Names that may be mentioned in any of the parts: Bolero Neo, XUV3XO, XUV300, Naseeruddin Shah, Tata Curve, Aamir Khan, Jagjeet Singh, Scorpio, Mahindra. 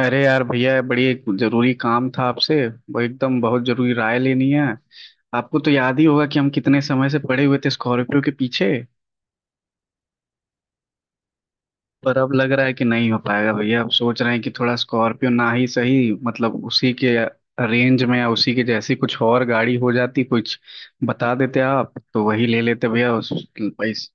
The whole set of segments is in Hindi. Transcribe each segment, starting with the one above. अरे यार भैया, बड़ी एक जरूरी काम था आपसे। वो एकदम बहुत जरूरी राय लेनी है। आपको तो याद ही होगा कि हम कितने समय से पड़े हुए थे स्कॉर्पियो के पीछे। पर अब लग रहा है कि नहीं हो पाएगा भैया। अब सोच रहे हैं कि थोड़ा स्कॉर्पियो ना ही सही, मतलब उसी के रेंज में या उसी के जैसी कुछ और गाड़ी हो जाती, कुछ बता देते आप तो वही ले लेते भैया। उस पैसे।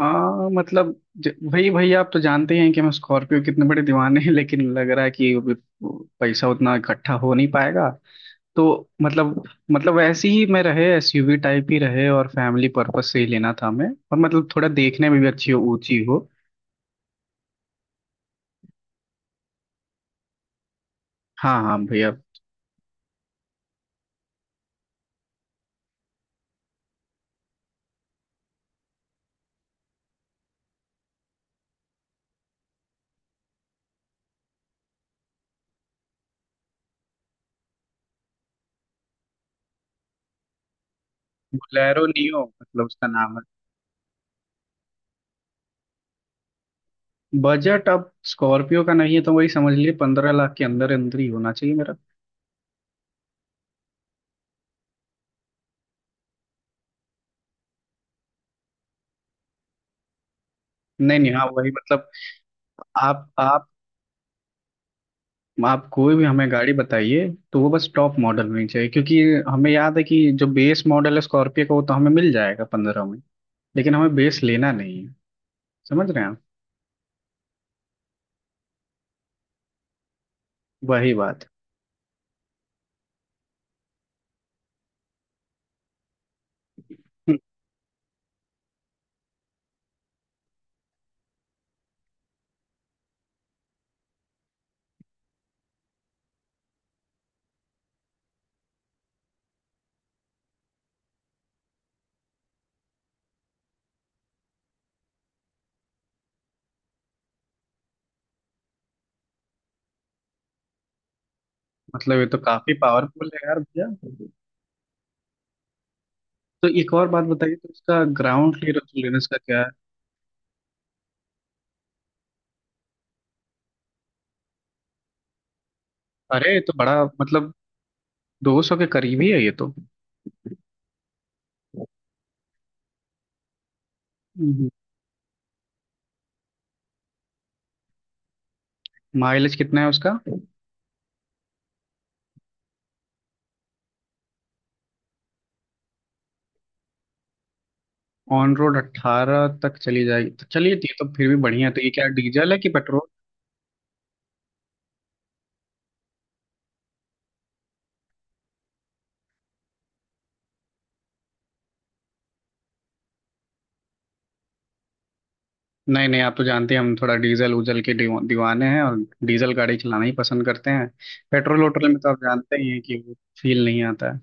हाँ, मतलब भाई भैया आप तो जानते ही हैं कि हम स्कॉर्पियो कितने बड़े दीवाने हैं। लेकिन लग रहा है कि अभी पैसा उतना इकट्ठा हो नहीं पाएगा। तो मतलब मतलब वैसे ही मैं रहे एसयूवी टाइप ही रहे, और फैमिली पर्पस से ही लेना था हमें। और मतलब थोड़ा देखने में भी अच्छी हो, ऊंची हो। हाँ हाँ भैया। बोलेरो नियो, मतलब उसका नाम? है बजट, अब स्कॉर्पियो का नहीं है तो वही समझ लीजिए, 15 लाख के अंदर अंदर ही होना चाहिए मेरा। नहीं नहीं, हाँ वही मतलब। आप आप आप कोई भी हमें गाड़ी बताइए तो वो बस टॉप मॉडल होनी चाहिए, क्योंकि हमें याद है कि जो बेस मॉडल है स्कॉर्पियो का वो तो हमें मिल जाएगा 15 में। लेकिन हमें बेस लेना नहीं है, समझ रहे हैं आप। वही बात। मतलब ये तो काफी पावरफुल है यार भैया। तो एक और बात बताइए, तो इसका ग्राउंड क्लियरेंस का क्या है? अरे ये तो बड़ा, मतलब दो सौ के करीब ही है ये तो। हम्म। माइलेज कितना है उसका? ऑन रोड 18 तक चली जाएगी, तो चलिए ये तो फिर भी बढ़िया है। तो ये क्या डीजल है कि पेट्रोल? नहीं नहीं, आप तो जानते हैं हम थोड़ा डीजल उजल के दीवाने हैं, और डीजल गाड़ी चलाना ही पसंद करते हैं। पेट्रोल वोट्रोल में तो आप जानते ही हैं कि वो फील नहीं आता है।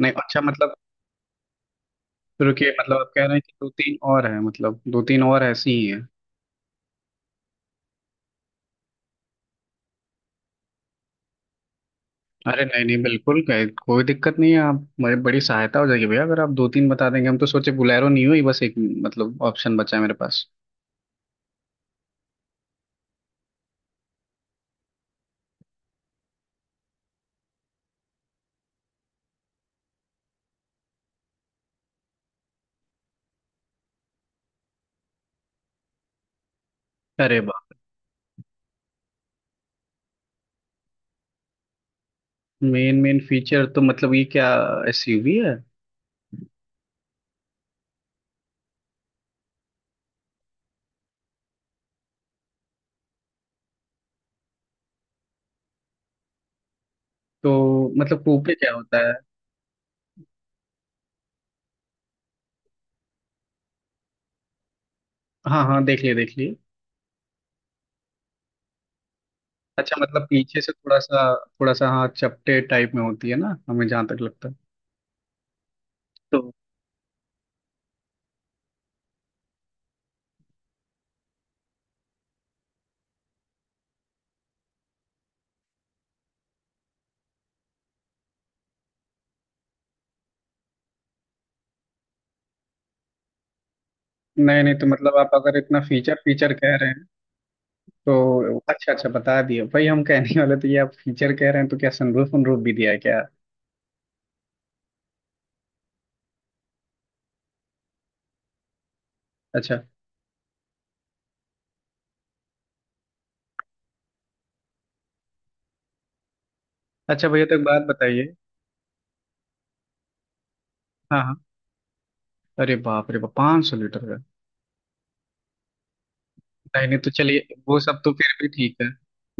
नहीं, अच्छा, मतलब रुकिए, मतलब आप कह रहे हैं कि दो तीन और है, मतलब दो तीन और ऐसी ही है? अरे नहीं नहीं, बिल्कुल कोई दिक्कत नहीं है। आप मेरी बड़ी सहायता हो जाएगी भैया अगर आप दो तीन बता देंगे। हम तो सोचे बुलेरो नहीं हुई, बस एक मतलब ऑप्शन बचा है मेरे पास। अरे वाह! मेन मेन फीचर तो मतलब ये क्या एसयूवी है? तो मतलब कूपे क्या होता है? हाँ हाँ, देख लिए देख लिए। अच्छा, मतलब पीछे से थोड़ा सा, थोड़ा सा, हाँ, चपटे टाइप में होती है ना, हमें जहाँ तक लगता है। तो नहीं नहीं, तो मतलब आप अगर इतना फीचर फीचर कह रहे हैं तो अच्छा अच्छा बता दिए भाई, हम कहने वाले तो ये। आप फीचर कह रहे हैं तो क्या सनरूफ वनरूफ भी दिया है क्या? अच्छा। अच्छा भैया तो एक बात बताइए। हाँ हाँ। अरे बाप रे बाप, 500 लीटर का? नहीं नहीं, तो चलिए वो सब तो फिर भी ठीक है।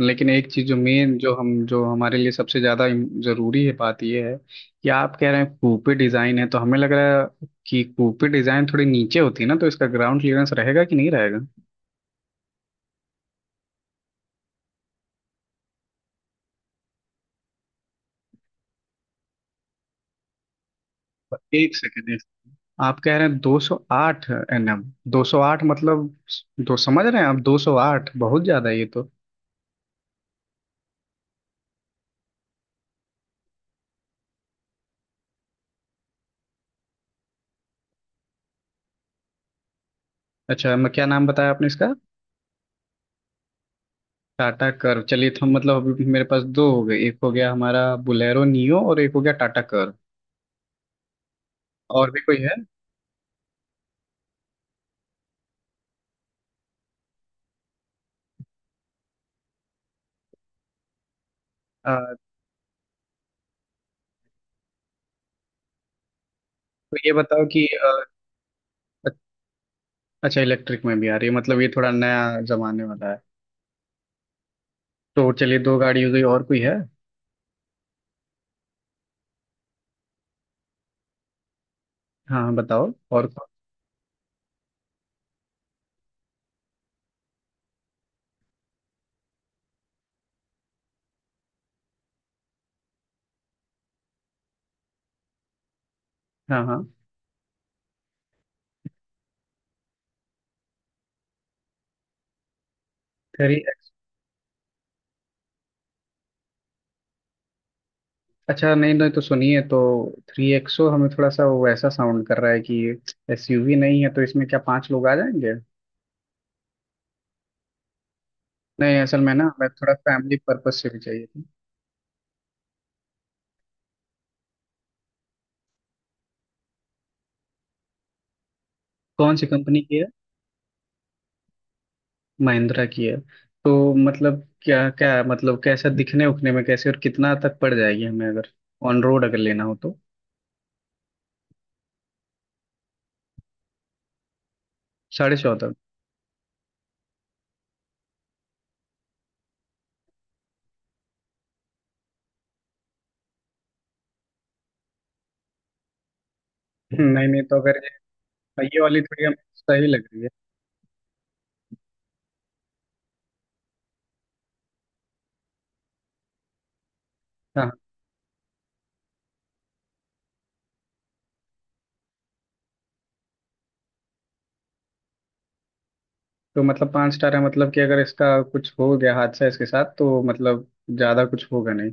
लेकिन एक चीज जो मेन, जो हम, जो हमारे लिए सबसे ज्यादा जरूरी है, बात ये है कि आप कह रहे हैं कूपे डिजाइन है, तो हमें लग रहा है कि कूपे डिजाइन थोड़ी नीचे होती है ना, तो इसका ग्राउंड क्लियरेंस रहेगा कि नहीं रहेगा? एक सेकेंड, आप कह रहे हैं 208 एनएम? 208 मतलब दो, समझ रहे हैं आप, 208 बहुत ज्यादा है ये तो। अच्छा, मैं क्या नाम बताया आपने इसका? टाटा कर्व। चलिए, तो हम मतलब अभी मेरे पास दो हो गए, एक हो गया हमारा बुलेरो नियो और एक हो गया टाटा कर्व। और भी कोई है? अ, तो ये बताओ कि अच्छा, इलेक्ट्रिक में भी आ रही है, मतलब ये थोड़ा नया जमाने वाला है। तो चलिए दो गाड़ी हो गई, और कोई है? हाँ हाँ बताओ, और कौन-। हाँ हाँ, थ्री एक्स। अच्छा नहीं नहीं, तो सुनिए, तो थ्री एक्सो हमें थोड़ा सा वो ऐसा साउंड कर रहा है कि एसयूवी नहीं है, तो इसमें क्या 5 लोग आ जाएंगे? नहीं, असल में ना मैं थोड़ा फैमिली पर्पस से भी चाहिए थी। कौन सी कंपनी की है? महिंद्रा की है? तो मतलब क्या क्या, मतलब कैसा दिखने उखने में कैसे, और कितना तक पड़ जाएगी हमें अगर ऑन रोड अगर लेना हो तो? 14.5? नहीं नहीं, तो अगर ये वाली थोड़ी हमें सही लग रही है। हाँ। तो मतलब 5 स्टार है, मतलब कि अगर इसका कुछ हो गया हादसा इसके साथ तो मतलब ज़्यादा कुछ होगा नहीं?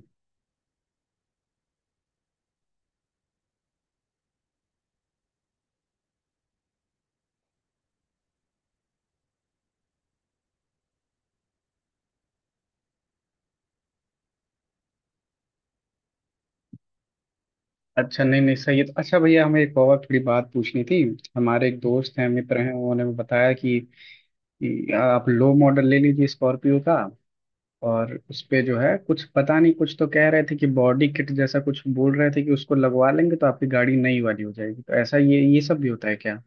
अच्छा नहीं नहीं सही है। तो अच्छा भैया, हमें एक और थोड़ी बात पूछनी थी। हमारे एक दोस्त हैं, मित्र हैं, उन्होंने बताया कि आप लो मॉडल ले लीजिए स्कॉर्पियो का, और उस पे जो है, कुछ पता नहीं, कुछ तो कह रहे थे कि बॉडी किट जैसा कुछ बोल रहे थे कि उसको लगवा लेंगे तो आपकी गाड़ी नई वाली हो जाएगी। तो ऐसा ये सब भी होता है क्या?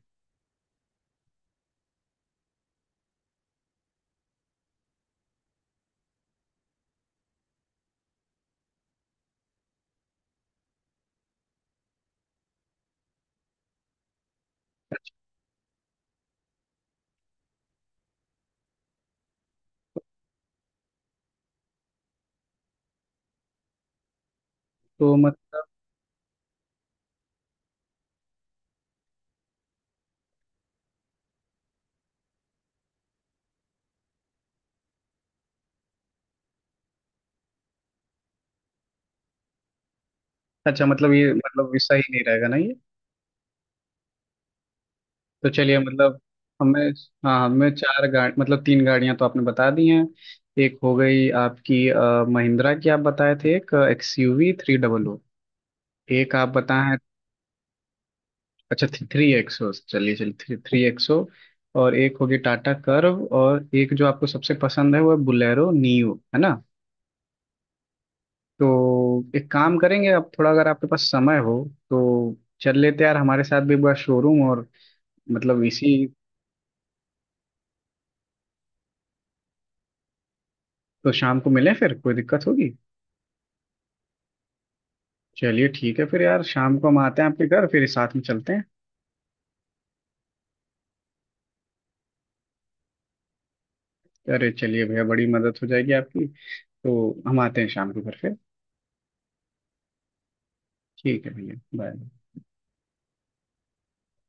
तो मतलब। अच्छा, मतलब ये, मतलब ये सही नहीं रहेगा ना ये। तो चलिए मतलब हमें। हाँ, हमें चार गाड़ी, मतलब तीन गाड़ियां तो आपने बता दी हैं। एक हो गई आपकी महिंद्रा की, आप बताए थे, एक एक्सयूवी थ्री डबल ओ। एक आप बताए हैं। अच्छा थ्री एक्सो, चलिए चलिए, थ्री थ्री एक्सो। और एक होगी टाटा कर्व, और एक जो आपको सबसे पसंद है वो है बुलेरो नियो, है ना? तो एक काम करेंगे, आप थोड़ा अगर आपके पास समय हो तो चल लेते हैं यार हमारे साथ भी एक बार शोरूम, और मतलब इसी। तो शाम को मिलें फिर, कोई दिक्कत होगी? चलिए ठीक है फिर यार, शाम को हम आते हैं आपके घर, फिर साथ में चलते हैं। अरे चलिए भैया, बड़ी मदद हो जाएगी आपकी। तो हम आते हैं शाम को घर फिर। ठीक है भैया, बाय।